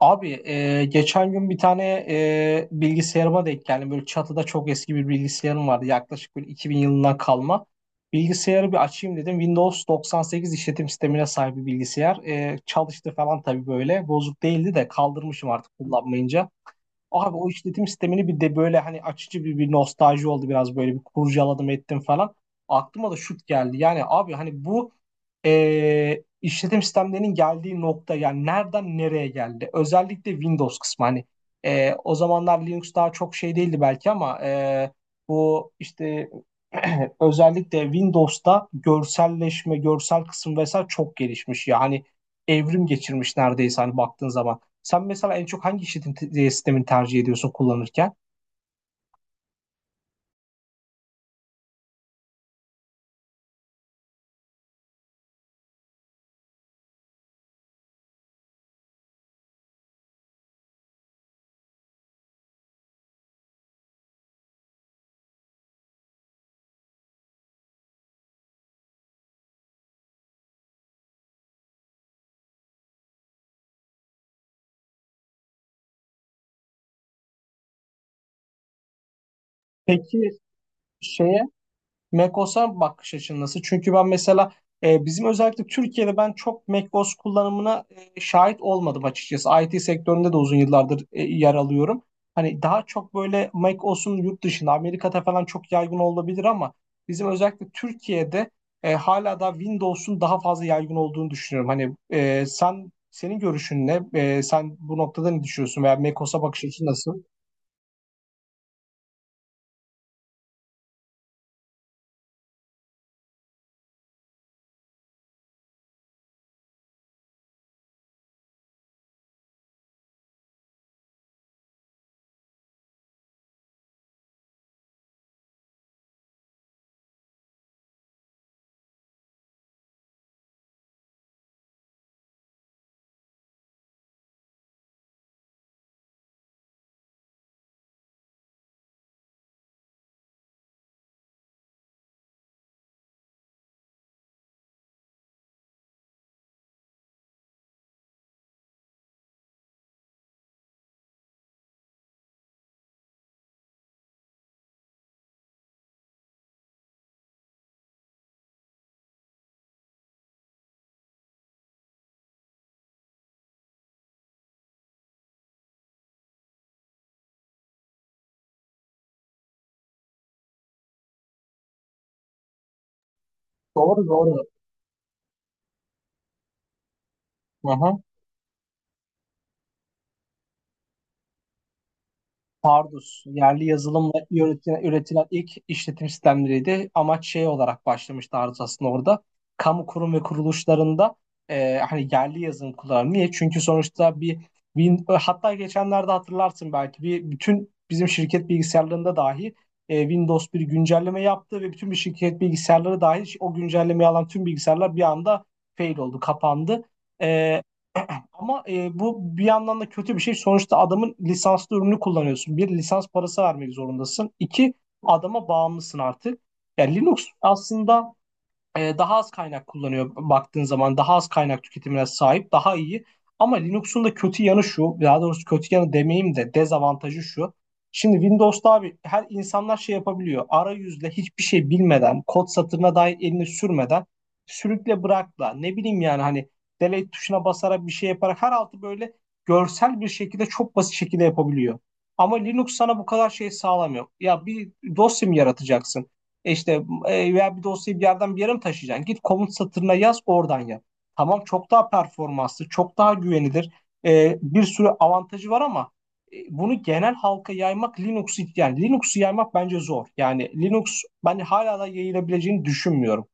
Abi geçen gün bir tane bilgisayarıma denk geldim. Böyle çatıda çok eski bir bilgisayarım vardı. Yaklaşık böyle 2000 yılından kalma. Bilgisayarı bir açayım dedim. Windows 98 işletim sistemine sahip bir bilgisayar. Çalıştı falan tabii böyle. Bozuk değildi de kaldırmışım artık kullanmayınca. Abi o işletim sistemini bir de böyle hani açıcı bir nostalji oldu biraz böyle bir kurcaladım ettim falan. Aklıma da şut geldi. Yani abi hani bu işletim sistemlerinin geldiği nokta yani nereden nereye geldi? Özellikle Windows kısmı hani o zamanlar Linux daha çok şey değildi belki ama bu işte özellikle Windows'ta görselleşme, görsel kısım vesaire çok gelişmiş. Yani evrim geçirmiş neredeyse hani baktığın zaman. Sen mesela en çok hangi sistemini tercih ediyorsun kullanırken? Peki şeye macOS'a bakış açın nasıl? Çünkü ben mesela bizim özellikle Türkiye'de ben çok macOS kullanımına şahit olmadım açıkçası. IT sektöründe de uzun yıllardır yer alıyorum. Hani daha çok böyle macOS'un yurt dışında Amerika'da falan çok yaygın olabilir ama bizim özellikle Türkiye'de hala da Windows'un daha fazla yaygın olduğunu düşünüyorum. Hani sen senin görüşün ne? Sen bu noktada ne düşünüyorsun veya macOS'a bakış açın nasıl? Doğru doğru. Aha. Pardus, yerli yazılımla üretilen ilk işletim sistemleriydi. Amaç şey olarak başlamıştı Aruz aslında orada. Kamu kurum ve kuruluşlarında hani yerli yazılım kullanır. Niye? Çünkü sonuçta bir, bin, hatta geçenlerde hatırlarsın belki bir bütün bizim şirket bilgisayarlarında dahi Windows bir güncelleme yaptı ve bütün bir şirket bilgisayarları dahil o güncellemeyi alan tüm bilgisayarlar bir anda fail oldu, kapandı. E, Ama bu bir yandan da kötü bir şey. Sonuçta adamın lisanslı ürünü kullanıyorsun. Bir, lisans parası vermek zorundasın. İki, adama bağımlısın artık. Yani Linux aslında daha az kaynak kullanıyor baktığın zaman daha az kaynak tüketimine sahip daha iyi. Ama Linux'un da kötü yanı şu, daha doğrusu kötü yanı demeyeyim de dezavantajı şu. Şimdi Windows'ta abi her insanlar şey yapabiliyor arayüzle hiçbir şey bilmeden kod satırına dair elini sürmeden sürükle bırakla ne bileyim yani hani delete tuşuna basarak bir şey yaparak her altı böyle görsel bir şekilde çok basit şekilde yapabiliyor. Ama Linux sana bu kadar şey sağlamıyor. Ya bir dosya mı yaratacaksın? E İşte veya bir dosyayı bir yerden bir yere mi taşıyacaksın? Git komut satırına yaz oradan yap. Tamam çok daha performanslı, çok daha güvenilir. Bir sürü avantajı var ama bunu genel halka yaymak Linux'u yani Linux'u yaymak bence zor. Yani Linux ben hala da yayılabileceğini düşünmüyorum.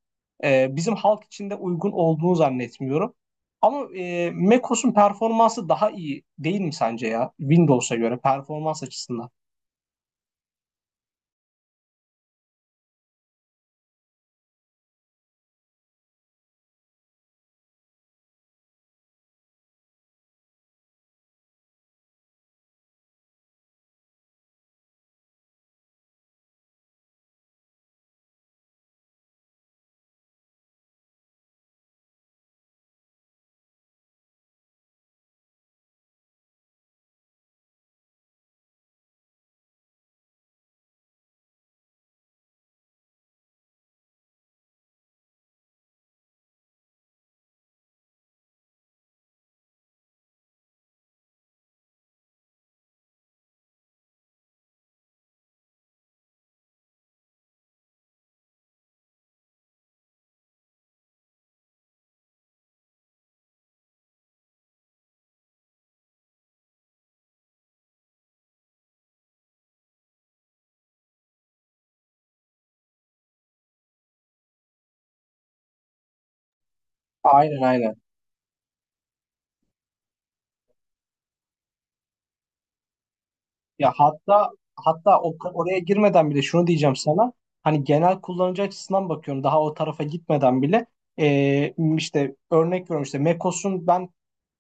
Bizim halk için de uygun olduğunu zannetmiyorum. Ama macOS'un performansı daha iyi değil mi sence ya? Windows'a göre performans açısından. Aynen aynen. Ya hatta hatta oraya girmeden bile şunu diyeceğim sana. Hani genel kullanıcı açısından bakıyorum daha o tarafa gitmeden bile işte örnek veriyorum işte macOS'un ben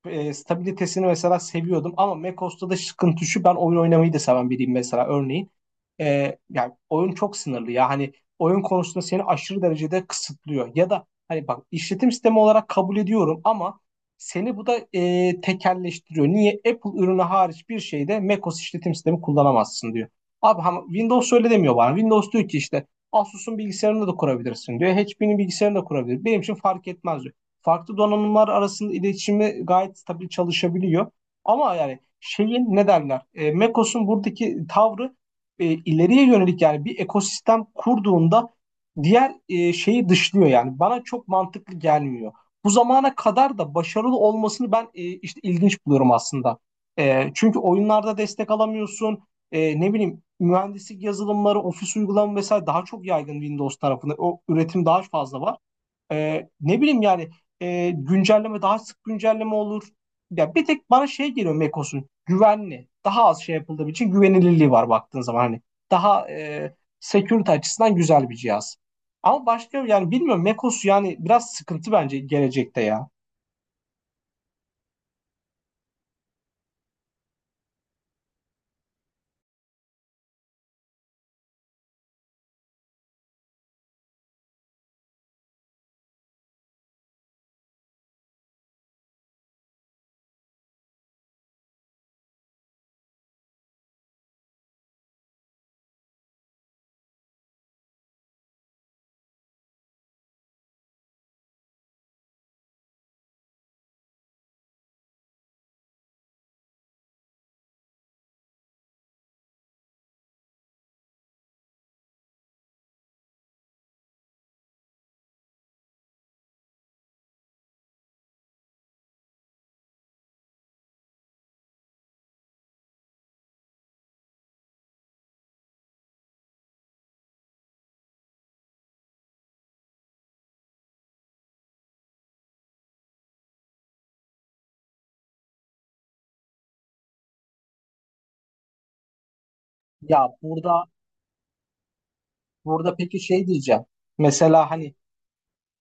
stabilitesini mesela seviyordum ama macOS'ta da sıkıntı şu, ben oyun oynamayı da seven biriyim mesela örneğin. Yani oyun çok sınırlı ya hani oyun konusunda seni aşırı derecede kısıtlıyor ya da hani bak işletim sistemi olarak kabul ediyorum ama seni bu da tekelleştiriyor. Niye? Apple ürünü hariç bir şeyde macOS işletim sistemi kullanamazsın diyor. Abi ama Windows öyle demiyor bana. Windows diyor ki işte Asus'un bilgisayarını da kurabilirsin diyor. HP'nin bilgisayarını da kurabilir. Benim için fark etmez diyor, farklı donanımlar arasında iletişimi gayet stabil çalışabiliyor. Ama yani şeyin ne derler? macOS'un buradaki tavrı ileriye yönelik yani bir ekosistem kurduğunda diğer şeyi dışlıyor yani. Bana çok mantıklı gelmiyor. Bu zamana kadar da başarılı olmasını ben işte ilginç buluyorum aslında. Çünkü oyunlarda destek alamıyorsun. Ne bileyim, mühendislik yazılımları, ofis uygulama vesaire daha çok yaygın Windows tarafında. O üretim daha fazla var. Ne bileyim yani güncelleme daha sık güncelleme olur. Ya bir tek bana şey geliyor, Macos'un güvenli. Daha az şey yapıldığı için güvenilirliği var baktığın zaman hani. Daha security açısından güzel bir cihaz. Ama başka yani bilmiyorum Mekos yani biraz sıkıntı bence gelecekte ya. Ya burada burada peki şey diyeceğim. Mesela hani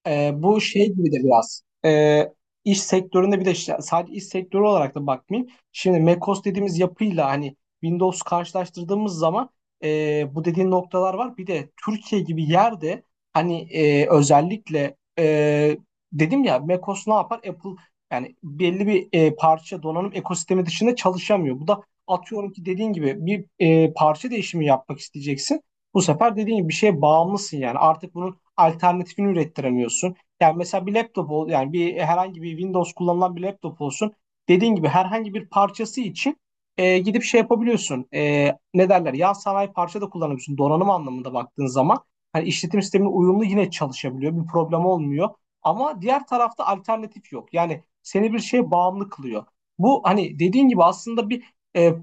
Bu şey gibi de biraz iş sektöründe bir de işte sadece iş sektörü olarak da bakmayayım. Şimdi macOS dediğimiz yapıyla hani Windows karşılaştırdığımız zaman bu dediğin noktalar var. Bir de Türkiye gibi yerde hani dedim ya macOS ne yapar? Apple yani belli bir parça donanım ekosistemi dışında çalışamıyor. Bu da atıyorum ki dediğin gibi bir parça değişimi yapmak isteyeceksin. Bu sefer dediğin gibi bir şeye bağımlısın yani. Artık bunun alternatifini ürettiremiyorsun. Yani mesela yani bir herhangi bir Windows kullanılan bir laptop olsun. Dediğin gibi herhangi bir parçası için gidip şey yapabiliyorsun. Ne derler? Yan sanayi parça da kullanabiliyorsun donanım anlamında baktığın zaman. Hani işletim sistemine uyumlu yine çalışabiliyor. Bir problem olmuyor. Ama diğer tarafta alternatif yok. Yani seni bir şeye bağımlı kılıyor. Bu hani dediğin gibi aslında bir e,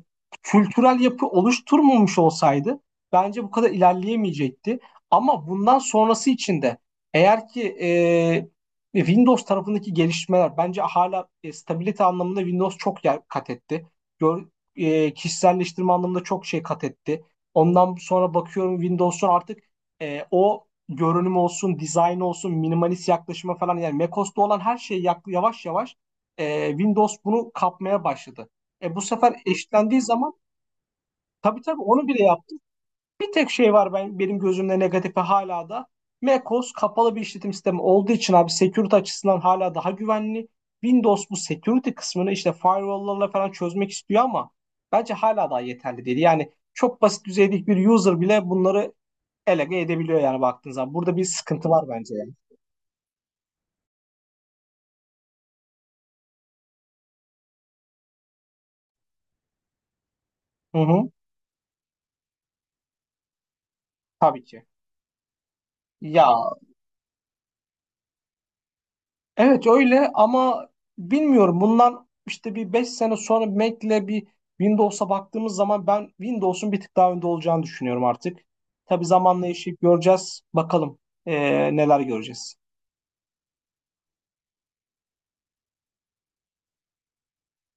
kültürel yapı oluşturmamış olsaydı bence bu kadar ilerleyemeyecekti. Ama bundan sonrası için de eğer ki Windows tarafındaki gelişmeler bence hala stabilite anlamında Windows çok yer kat etti. Gör, kişiselleştirme anlamında çok şey kat etti. Ondan sonra bakıyorum Windows'un artık o görünüm olsun, dizayn olsun, minimalist yaklaşıma falan yani macOS'ta olan her şey yavaş yavaş Windows bunu kapmaya başladı. Bu sefer eşitlendiği zaman tabii tabii onu bile yap, bir tek şey var ben benim gözümde negatife hala da. macOS kapalı bir işletim sistemi olduğu için abi security açısından hala daha güvenli. Windows bu security kısmını işte firewall'larla falan çözmek istiyor ama bence hala daha yeterli değil. Yani çok basit düzeydeki bir user bile bunları elege edebiliyor yani baktığın zaman. Burada bir sıkıntı var bence yani. Hı hı, tabii ki. Ya evet öyle ama bilmiyorum bundan işte bir 5 sene sonra Mac'le bir Windows'a baktığımız zaman ben Windows'un bir tık daha önde olacağını düşünüyorum artık. Tabii zamanla yaşayıp göreceğiz. Bakalım neler göreceğiz.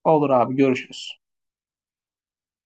Olur abi, görüşürüz.